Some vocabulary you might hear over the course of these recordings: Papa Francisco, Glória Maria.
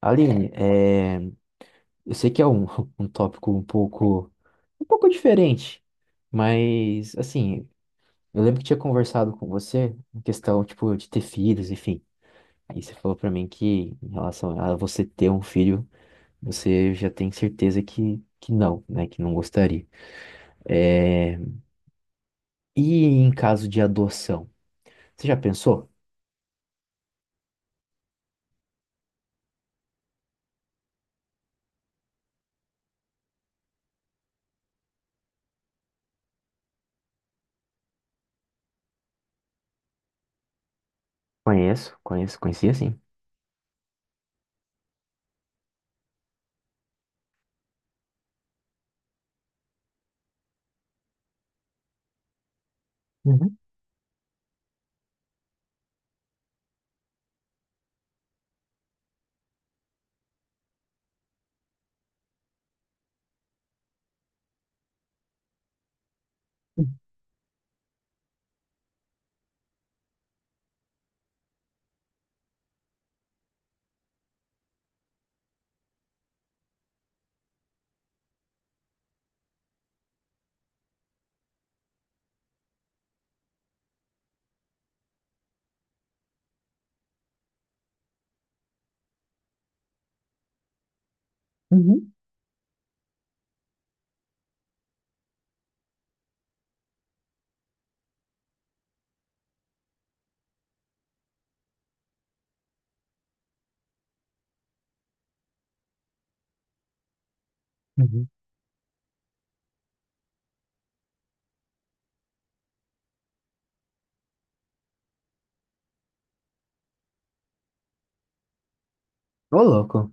Aline, eu sei que é um tópico um pouco diferente, mas assim, eu lembro que tinha conversado com você em questão, tipo, de ter filhos, enfim. Aí você falou pra mim que em relação a você ter um filho, você já tem certeza que não, né? Que não gostaria. É, E em caso de adoção, você já pensou? Conheço, conheço, conhecia sim. Uhum, uhum, uhum. Uhum. Ô, louco.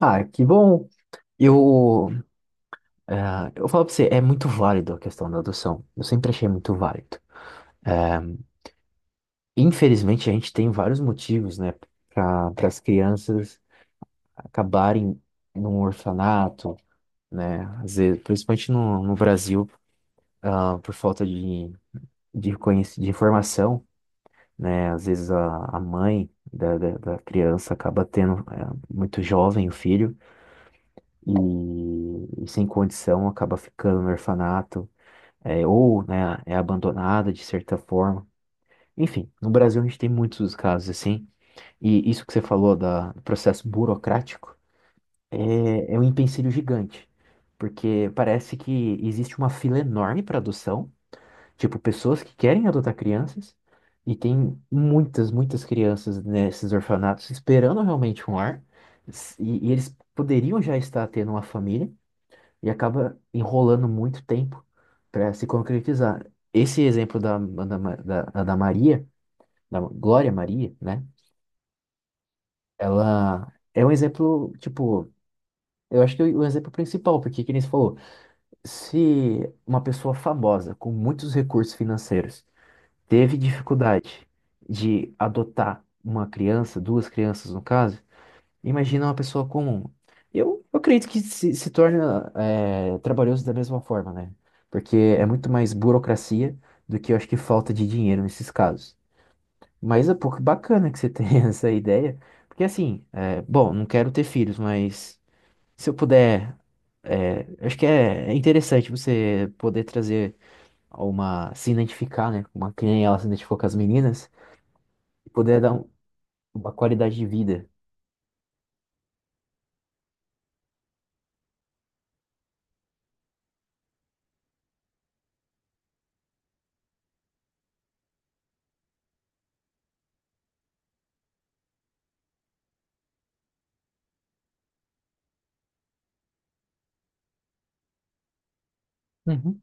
Ah, que bom. Eu, eu falo pra você, é muito válido a questão da adoção. Eu sempre achei muito válido. É, Infelizmente, a gente tem vários motivos, né, para as crianças acabarem num orfanato, né, às vezes, principalmente no Brasil, por falta de de informação, né, às vezes a mãe da criança acaba tendo muito jovem o filho e, e sem condição acaba ficando no orfanato é, ou né, é abandonada de certa forma. Enfim, no Brasil a gente tem muitos casos assim, e isso que você falou do processo burocrático é um empecilho gigante, porque parece que existe uma fila enorme para adoção, tipo, pessoas que querem adotar crianças, e tem muitas, muitas crianças nesses orfanatos esperando realmente um lar, e eles poderiam já estar tendo uma família, e acaba enrolando muito tempo para se concretizar. Esse exemplo da, da, Ma- da, da Maria, da Glória Maria, né? Ela é um exemplo, tipo, eu acho que é o exemplo principal, porque, que nem você falou, se uma pessoa famosa com muitos recursos financeiros teve dificuldade de adotar uma criança, duas crianças no caso, imagina uma pessoa comum. Eu acredito que se torna trabalhoso da mesma forma, né? Porque é muito mais burocracia do que eu acho que falta de dinheiro nesses casos. Mas é pouco bacana que você tenha essa ideia. Porque assim, bom, não quero ter filhos, mas se eu puder, acho que é interessante você poder trazer uma, se identificar, né? Uma criança, ela se identificou com as meninas, e poder dar uma qualidade de vida. Uhum,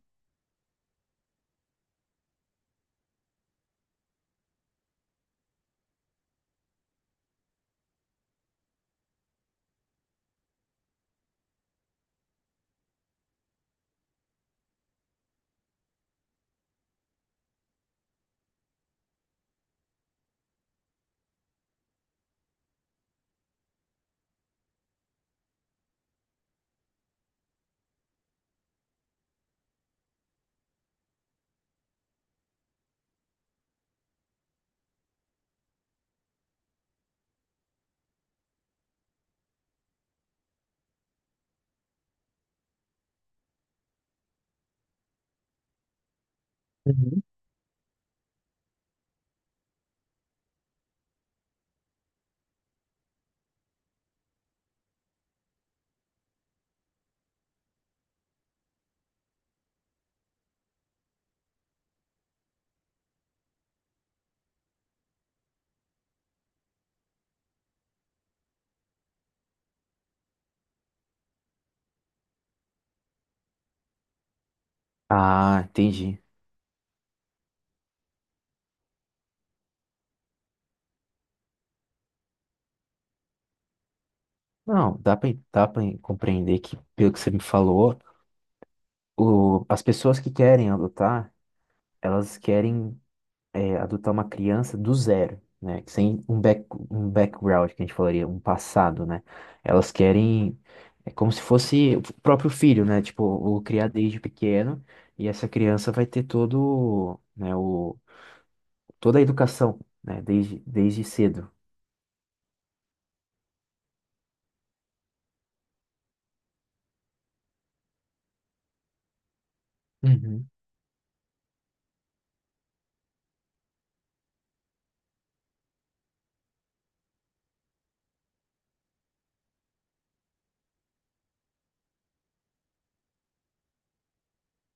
uhum. Ah, entendi. Não, dá pra compreender que, pelo que você me falou, as pessoas que querem adotar, elas querem adotar uma criança do zero, né? Sem um um background, que a gente falaria, um passado, né? Elas querem, é como se fosse o próprio filho, né? Tipo, o criar desde pequeno, e essa criança vai ter todo, né, toda a educação, né? Desde, desde cedo. Uhum.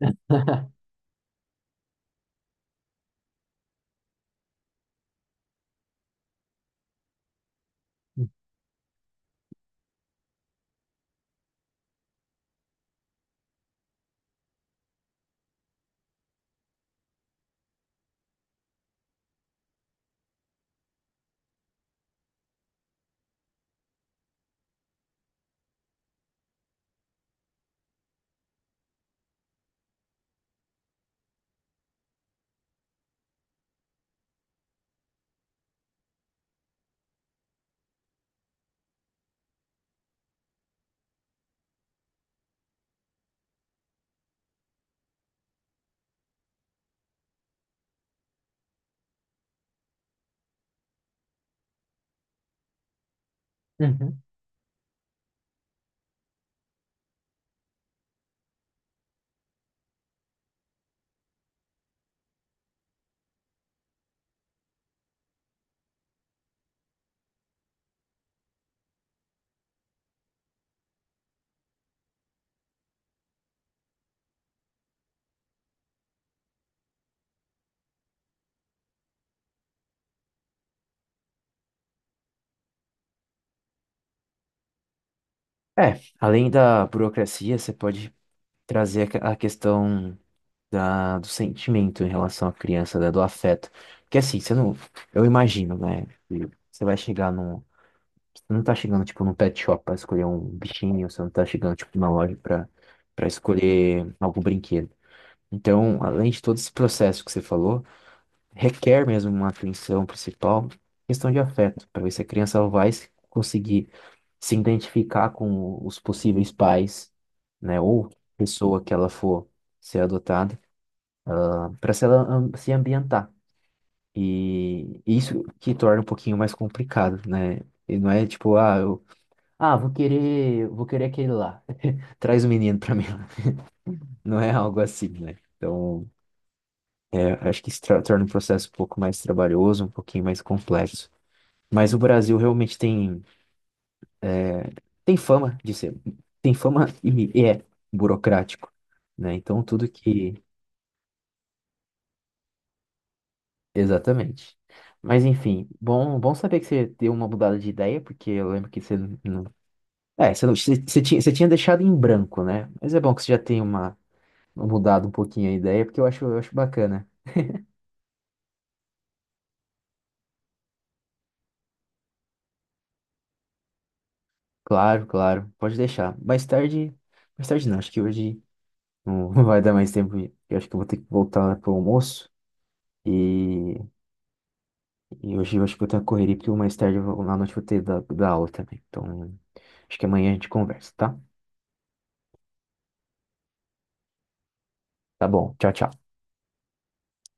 Uhum. É, além da burocracia, você pode trazer a a questão da, do sentimento em relação à criança, né, do afeto. Porque assim, você não. Eu imagino, né? Que você vai chegar num. Você não tá chegando, tipo, num pet shop pra escolher um bichinho, você não tá chegando, tipo, numa loja pra, pra escolher algum brinquedo. Então, além de todo esse processo que você falou, requer mesmo uma atenção principal, questão de afeto, pra ver se a criança vai conseguir se identificar com os possíveis pais, né, ou pessoa que ela for ser adotada, para se ela se ambientar. E isso que torna um pouquinho mais complicado, né? E não é tipo, ah, vou querer aquele lá. Traz o menino para mim. Não é algo assim, né? Então, eu acho que isso torna o processo um pouco mais trabalhoso, um pouquinho mais complexo. Mas o Brasil realmente tem fama de ser, tem fama e é burocrático, né? Então tudo que, exatamente. Mas enfim, bom, bom saber que você deu uma mudada de ideia, porque eu lembro que você não, é, você, não- você, você tinha deixado em branco, né? Mas é bom que você já tem uma mudado um pouquinho a ideia, porque eu acho bacana. Claro, claro, pode deixar. Mais tarde não, acho que hoje não vai dar mais tempo. Eu acho que eu vou ter que voltar pro almoço e e hoje eu acho que vou estar correria, porque mais tarde eu vou, à noite eu vou ter da aula também. Então, acho que amanhã a gente conversa, tá? Tá bom. Tchau, tchau.